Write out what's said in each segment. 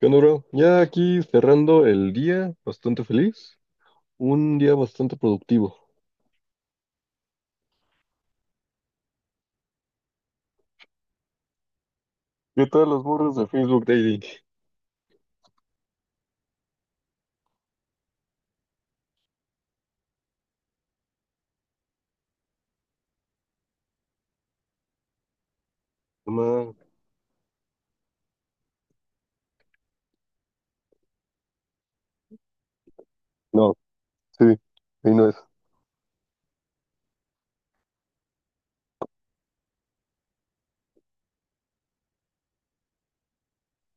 ¿Qué onda, bro? Ya aquí cerrando el día, bastante feliz, un día bastante productivo. ¿Qué tal los burros de Facebook Dating? Nomás- No, sí, ahí no es.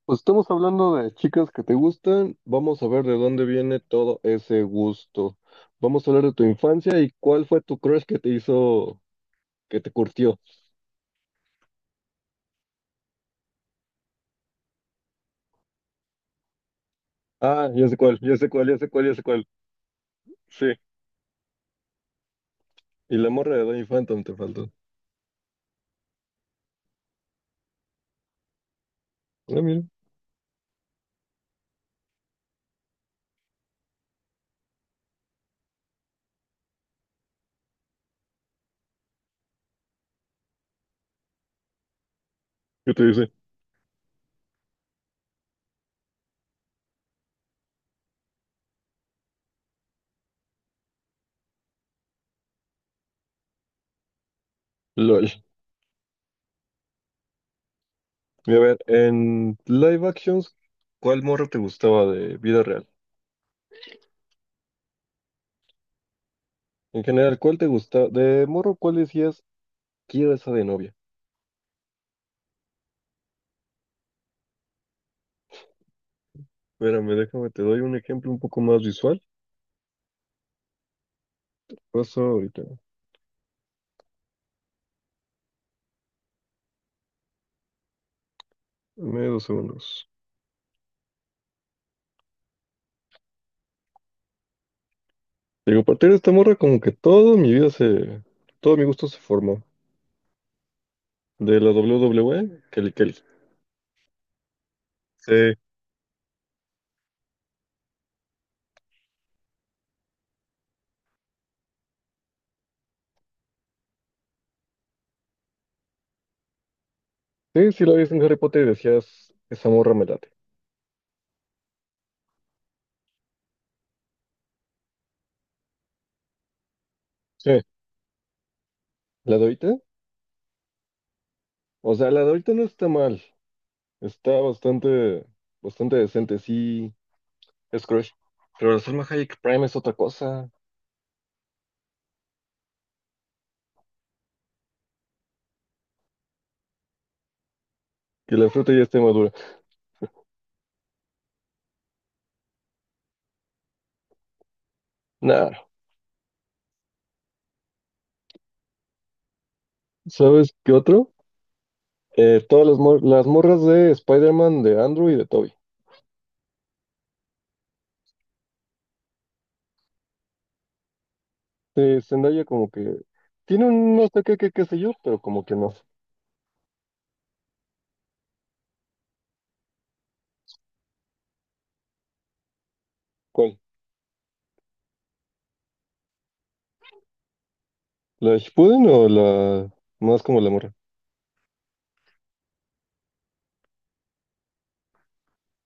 Pues estamos hablando de chicas que te gustan, vamos a ver de dónde viene todo ese gusto. Vamos a hablar de tu infancia y cuál fue tu crush que te hizo, que te curtió. Ah, ya sé cuál, ya sé cuál, ya sé cuál, ya sé cuál. Sí, y la morra de Danny Phantom te faltó. Ah, mira, ¿qué te dice? LOL. Y a ver, en live actions, ¿cuál morro te gustaba de vida real? En general, ¿cuál te gusta? De morro, ¿cuál decías, quiero esa de novia? Espérame, déjame, te doy un ejemplo un poco más visual. Paso ahorita, dame 2 segundos. Digo, a partir de esta morra, como que todo mi vida se... Todo mi gusto se formó. De la WWE, Kelly Kelly. Sí. Sí, sí la ves en Harry Potter y decías, esa morra me late. Sí. ¿La de ahorita? O sea, la de ahorita no está mal. Está bastante, bastante decente, sí. Es crush. Pero la Salma Hayek Prime es otra cosa. Que la fruta ya esté madura. Nah, ¿sabes qué otro? Todas las morras de Spider-Man, de Andrew y de Toby. De Zendaya como que tiene un no sé qué sé yo, pero como que no. ¿Cuál? ¿La Shippuden o la más como la morra?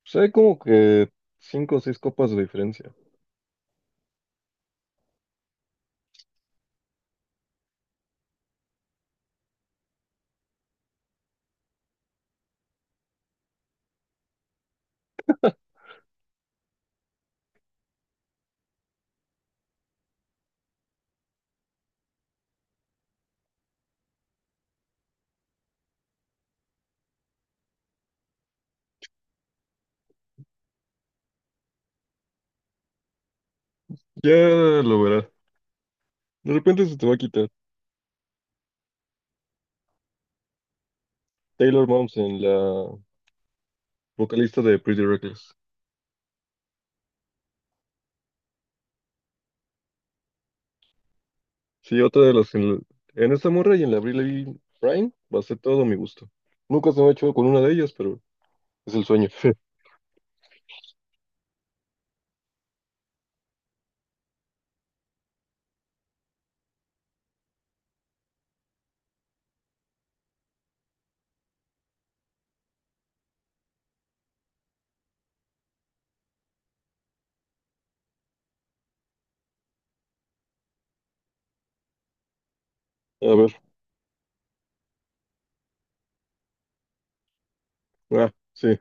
Pues hay como que cinco o seis copas de diferencia. Ya lo verás. De repente se te va a quitar. Taylor Momsen, la vocalista de Pretty Reckless. Sí, otra de las... En esta morra y en la Briley Prime va a ser todo mi gusto. Nunca se me ha hecho con una de ellas, pero es el sueño. A ver, ah, sí.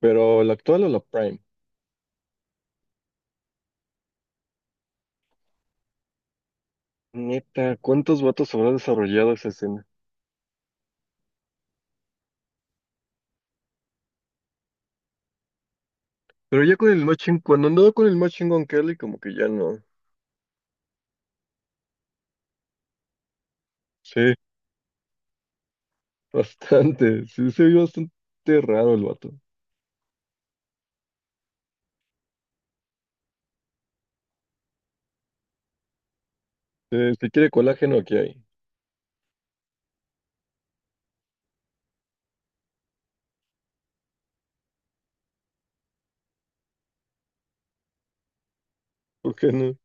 Pero la actual o la Prime. Neta, ¿cuántos vatos habrá desarrollado esa escena? Pero ya con el matching, cuando andaba con el matching con Kelly, como que ya no. Sí, bastante. Sí, se vio bastante raro el vato. Si quiere colágeno, aquí hay. ¿Por qué no?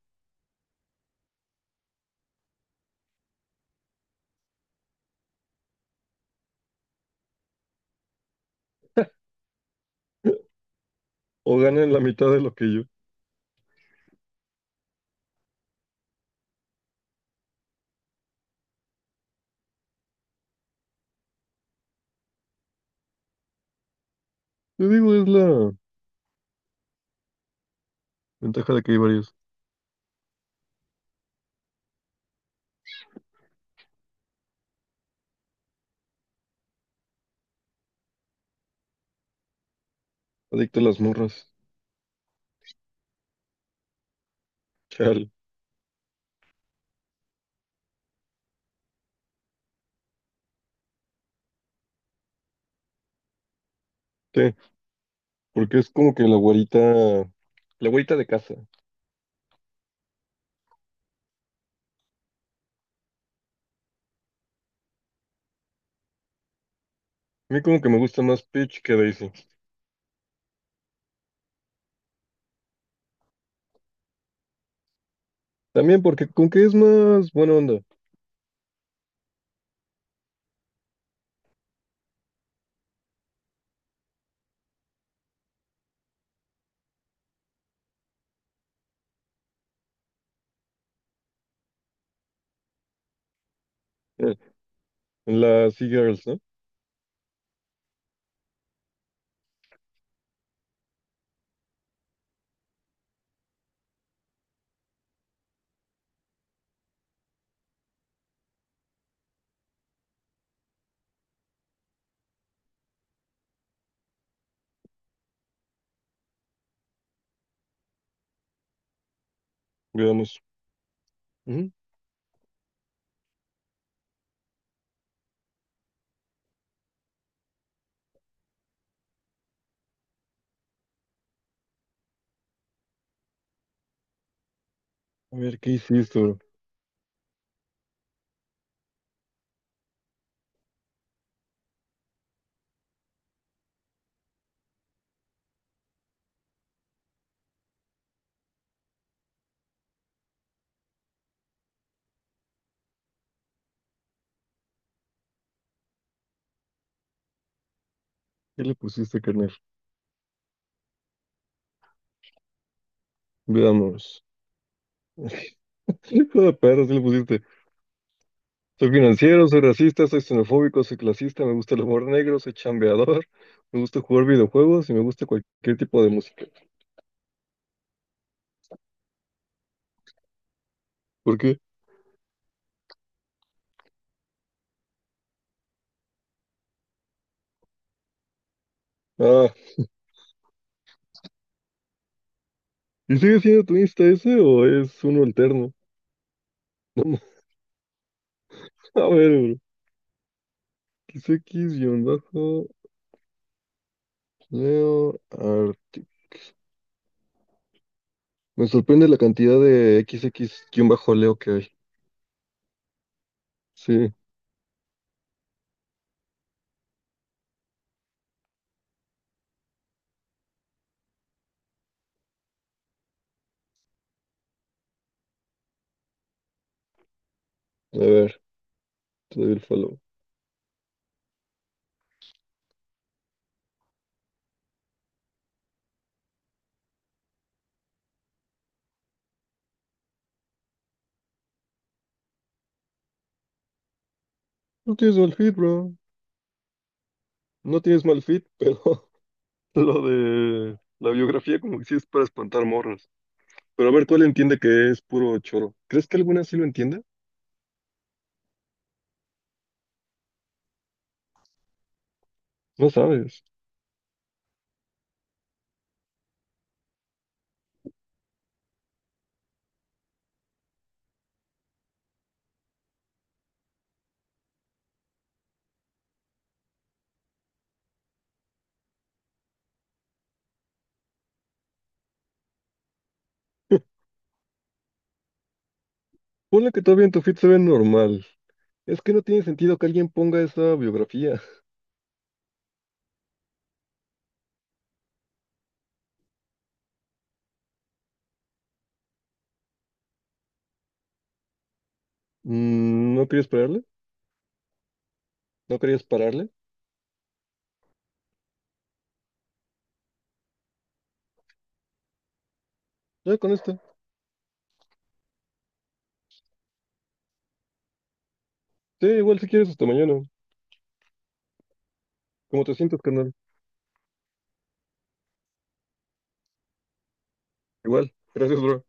O ganan la mitad de lo que yo. Yo digo, es la ventaja de que hay varios. Adicto a las morras. Chale. Sí, porque es como que la güerita de casa. A mí como que me gusta más Peach que Daisy. También porque con que es más buena onda. Eh, En las e-girls, ¿no? Veamos. Ujú. A ver, ¿qué hiciste, bro? ¿Qué le pusiste, carnal? Veamos. Hijo de perro, ¿qué le pusiste? Soy financiero, soy racista, soy xenofóbico, soy clasista, me gusta el humor negro, soy chambeador, me gusta jugar videojuegos y me gusta cualquier tipo de música. ¿Por qué? Ah, ¿y sigue siendo tu Insta ese o es uno alterno? A ver, bro. XX-Leo Arctic. Me sorprende la cantidad de XX-Leo que hay. Sí, a ver, te doy el follow. No tienes mal fit, bro. No tienes mal fit, pero lo de la biografía como que sí es para espantar morros. Pero a ver, ¿cuál entiende que es puro choro? ¿Crees que alguna sí lo entienda? No sabes. Ponle que todavía en tu fit se ve normal. Es que no tiene sentido que alguien ponga esa biografía. ¿No querías pararle? ¿No querías pararle? Ya con esta. Sí, igual si quieres hasta mañana. Como te sientes, carnal. Igual. Gracias, bro.